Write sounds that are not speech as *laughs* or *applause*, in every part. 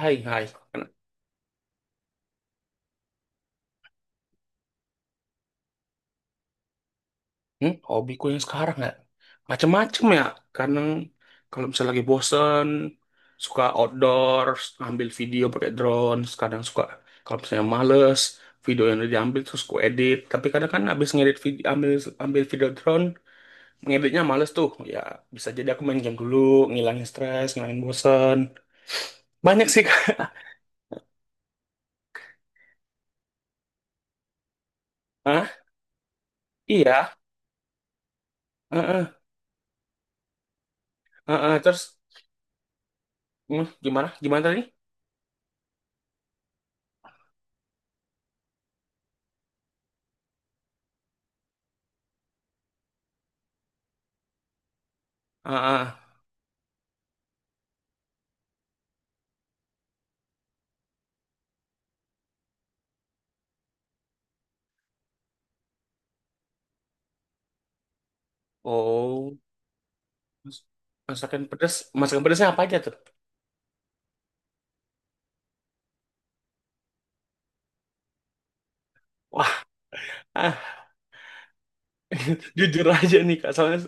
Hai, hai. Hobiku yang sekarang ya, macem-macem ya. Kadang kalau misalnya lagi bosen, suka outdoor, ambil video pakai drone. Kadang suka, kalau misalnya males, video yang udah diambil terus ku edit. Tapi kadang kan abis ngedit video, ambil video drone, ngeditnya males tuh. Ya, bisa jadi aku main game dulu, ngilangin stres, ngilangin bosen. Banyak sih, *laughs* Kak. Hah? Iya. Heeh. Heeh. Terus, gimana? Gimana tadi? Heeh. Oh. Mas- Masakan pedas, masakan pedasnya apa aja tuh? Wah, ah, *laughs* jujur aja nih Kak, soalnya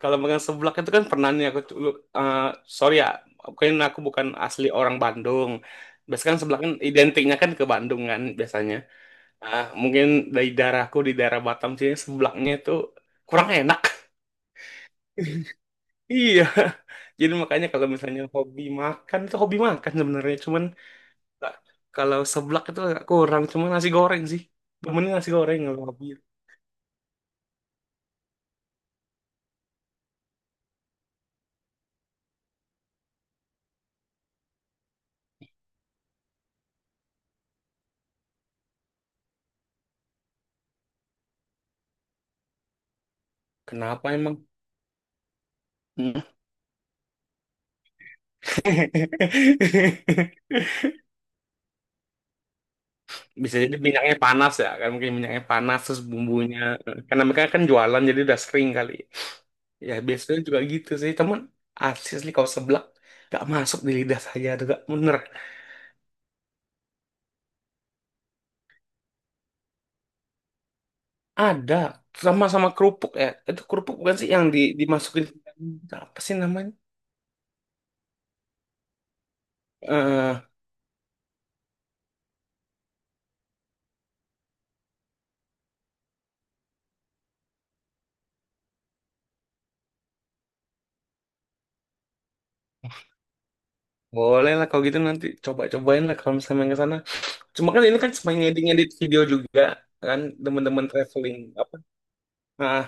kalau makan seblak itu kan pernah nih aku dulu, eh, sorry ya, mungkin aku bukan asli orang Bandung. Biasanya kan seblak kan identiknya kan ke Bandung kan biasanya. Ah, mungkin dari daerahku di daerah Batam sini seblaknya itu kurang enak. *laughs* Iya, jadi makanya kalau misalnya hobi makan itu hobi makan sebenarnya, cuman nah, kalau seblak itu agak kurang, cuman nasi goreng sih. Temennya nasi goreng kalau hobi. Kenapa emang? Hmm. *laughs* Bisa jadi minyaknya panas ya, kan mungkin minyaknya panas terus bumbunya. Karena mereka kan jualan jadi udah sering kali. Ya biasanya juga gitu sih, teman. Asli kalau seblak gak masuk di lidah saya tuh gak bener. Ada sama sama kerupuk ya. Itu kerupuk bukan sih yang di, dimasukin apa sih namanya? Eh, Boleh lah kalau gitu nanti coba-cobain lah kalau misalnya main ke sana. Cuma kan ini kan cuma ngedit-ngedit video juga kan teman-teman traveling apa, eh,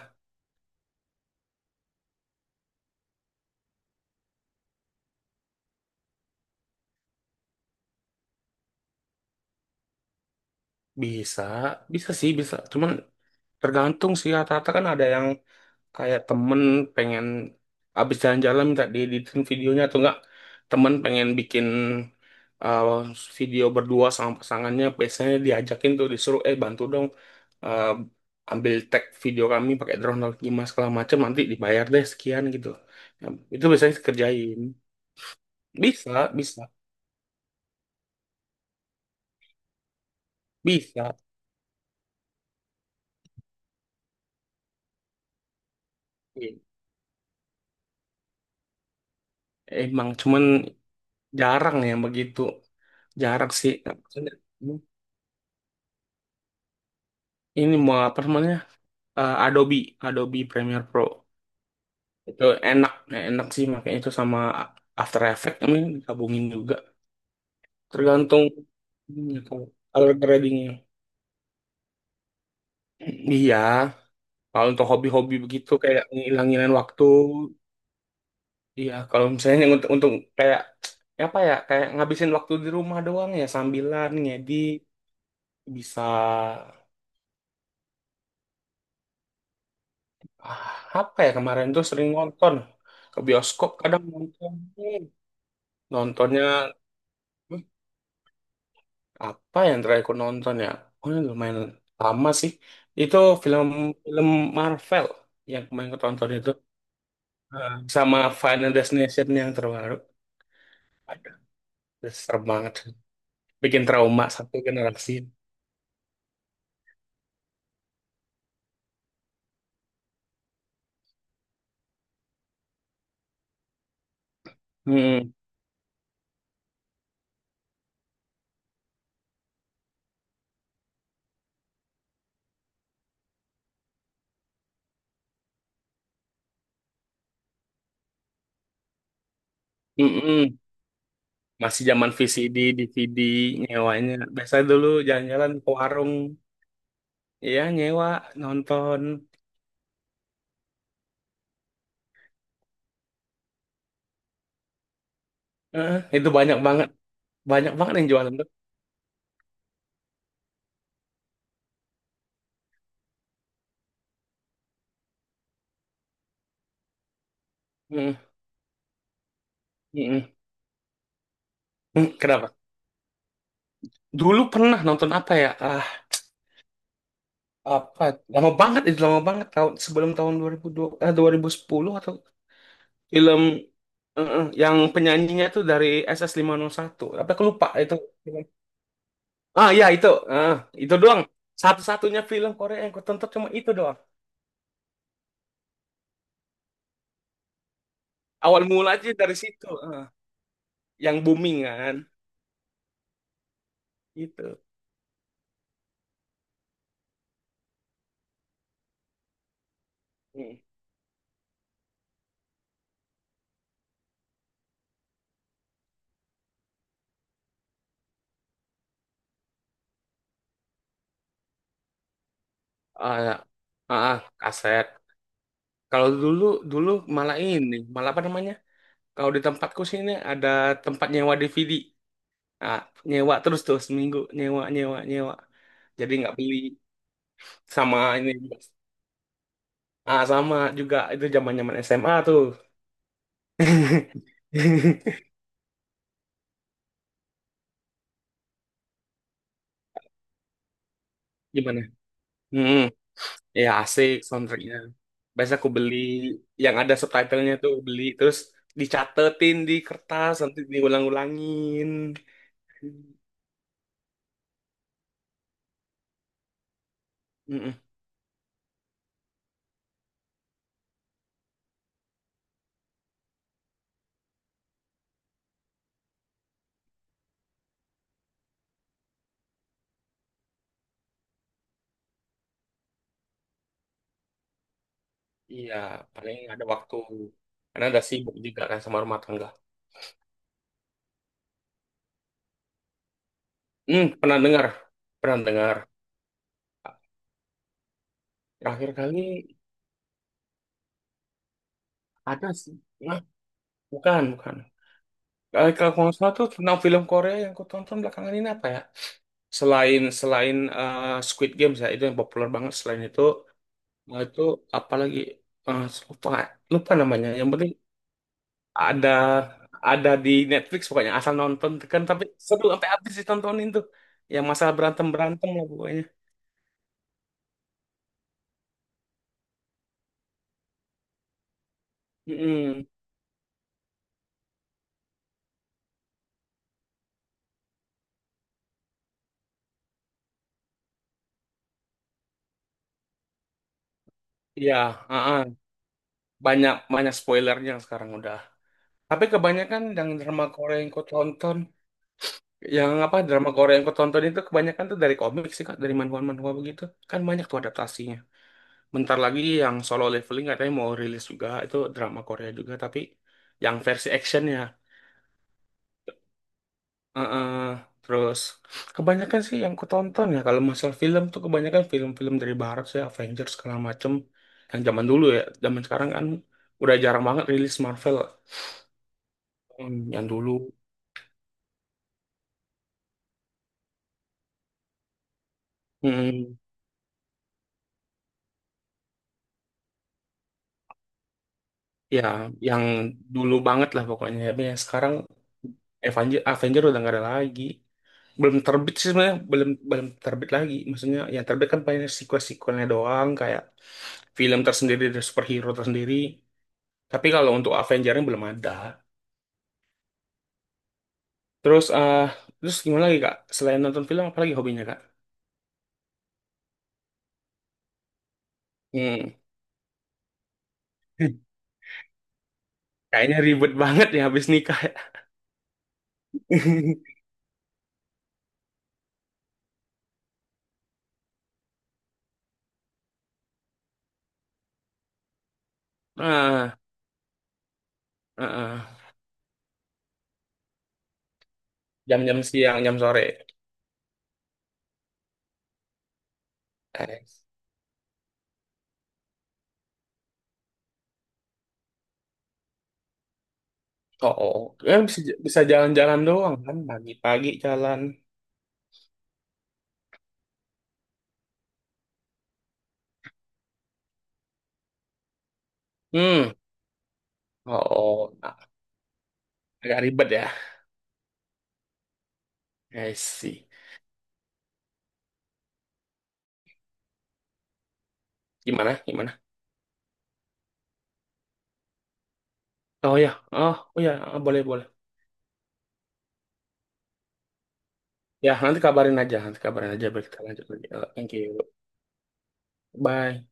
bisa, bisa sih, bisa. Cuman tergantung sih, rata-rata kan ada yang kayak temen pengen abis jalan-jalan minta dieditin videonya atau enggak. Temen pengen bikin uh, video berdua sama pasangannya, biasanya diajakin tuh disuruh, eh bantu dong, uh, ambil tag video kami pakai drone atau gimana segala macam, nanti dibayar deh sekian gitu. Ya, itu biasanya kerjain. Bisa, bisa, bisa. Iya. Emang cuman jarang yang begitu. Jarak sih. Maksudnya, ini mau apa namanya? Eh, Adobe, Adobe Premiere Pro. Itu enak, enak sih makanya itu sama After Effects ini digabungin juga. Tergantung ini kalau color gradingnya. Iya, kalau untuk hobi-hobi begitu kayak ngilangin waktu, iya kalau misalnya yang untuk kayak ya apa ya, kayak ngabisin waktu di rumah doang ya sambilan ngedit bisa. Ah, apa ya kemarin tuh sering nonton ke bioskop kadang nonton. Hmm. Nontonnya hmm, apa yang terakhir aku nonton ya, oh ini lumayan lama sih itu film film Marvel yang kemarin aku tonton itu. Ah, sama Final Destination yang terbaru. Aduh, itu serem banget bikin trauma satu generasi. Hmm. Mm-mm. Masih zaman VCD DVD nyewanya biasa dulu jalan-jalan ke warung, ya nyewa nonton. Heeh, itu banyak banget yang jualan tuh. Heeh, heeh. Kenapa? Dulu pernah nonton apa ya? Ah, apa? Lama banget itu lama banget tahun sebelum tahun 2002, eh, 2010 atau film, heeh, yang penyanyinya tuh dari ss satu. Apa aku lupa itu. Ah iya itu, ah, itu doang. Satu-satunya film Korea yang aku tonton cuma itu doang. Awal mula aja dari situ, ah. Yang booming kan, itu. Hmm. Ah, ya. Ah, ah, kaset. Kalau dulu dulu malah ini, malah apa namanya? Kalau di tempatku sini ada tempat nyewa DVD. Nah, nyewa terus tuh seminggu nyewa nyewa nyewa. Jadi nggak beli sama ini. Ah, sama juga itu zaman-zaman SMA tuh. *laughs* Gimana? Hmm, ya asik soundtracknya. Biasa aku beli yang ada subtitlenya tuh beli terus dicatetin di kertas nanti diulang-ulangin. Hmm, hmm. Iya, paling ada waktu. Karena ada sibuk juga kan sama rumah tangga. Pernah dengar. Pernah dengar. Terakhir kali ada sih. Nah, bukan, bukan. Kali kalau nggak salah tuh tentang film Korea yang aku tonton belakangan ini apa ya? Selain selain eh, Squid Games ya, itu yang populer banget. Selain itu, nah itu apalagi, eh, lupa lupa namanya. Yang penting ada ada di Netflix pokoknya asal nonton kan tapi seru sampai habis ditontonin tuh. Yang masalah berantem berantem lah pokoknya. Mm-mm. Iya, ah-ah. Banyak banyak spoilernya sekarang udah. Tapi kebanyakan yang drama Korea yang ku tonton, yang apa drama Korea yang ku tonton itu kebanyakan tuh dari komik sih kak, dari manhwa-manhwa begitu. Kan banyak tuh adaptasinya. Bentar lagi yang Solo Leveling katanya mau rilis juga, itu drama Korea juga, tapi yang versi actionnya. Heeh. Terus kebanyakan sih yang ku tonton ya kalau masalah film tuh kebanyakan film-film dari barat sih Avengers segala macem yang zaman dulu ya zaman sekarang kan udah jarang banget rilis Marvel. Yang dulu, hmm, ya yang dulu banget lah pokoknya tapi yang sekarang Avenger Avenger udah nggak ada lagi, belum terbit sih sebenarnya belum belum terbit lagi maksudnya yang terbit kan paling sequel-sequelnya doang kayak film tersendiri dari superhero tersendiri tapi kalau untuk Avengernya belum ada. terus eh Terus gimana lagi kak, selain nonton film apa lagi hobinya kak? hmm. *laughs* Kayaknya ribet banget ya habis nikah ya. *laughs* Ah, ah, ah. Jam-jam siang jam sore. Eh, Oh, oh. Kan bisa bisa jalan-jalan doang kan pagi-pagi jalan. Hmm. Oh, oh. Nah, agak ribet ya. I see. Gimana? Gimana? Oh ya. Oh, oh ya. Ah, boleh, boleh. Ya, nanti kabarin aja. Nanti kabarin aja biar kita lanjut lagi. Thank you. Bye.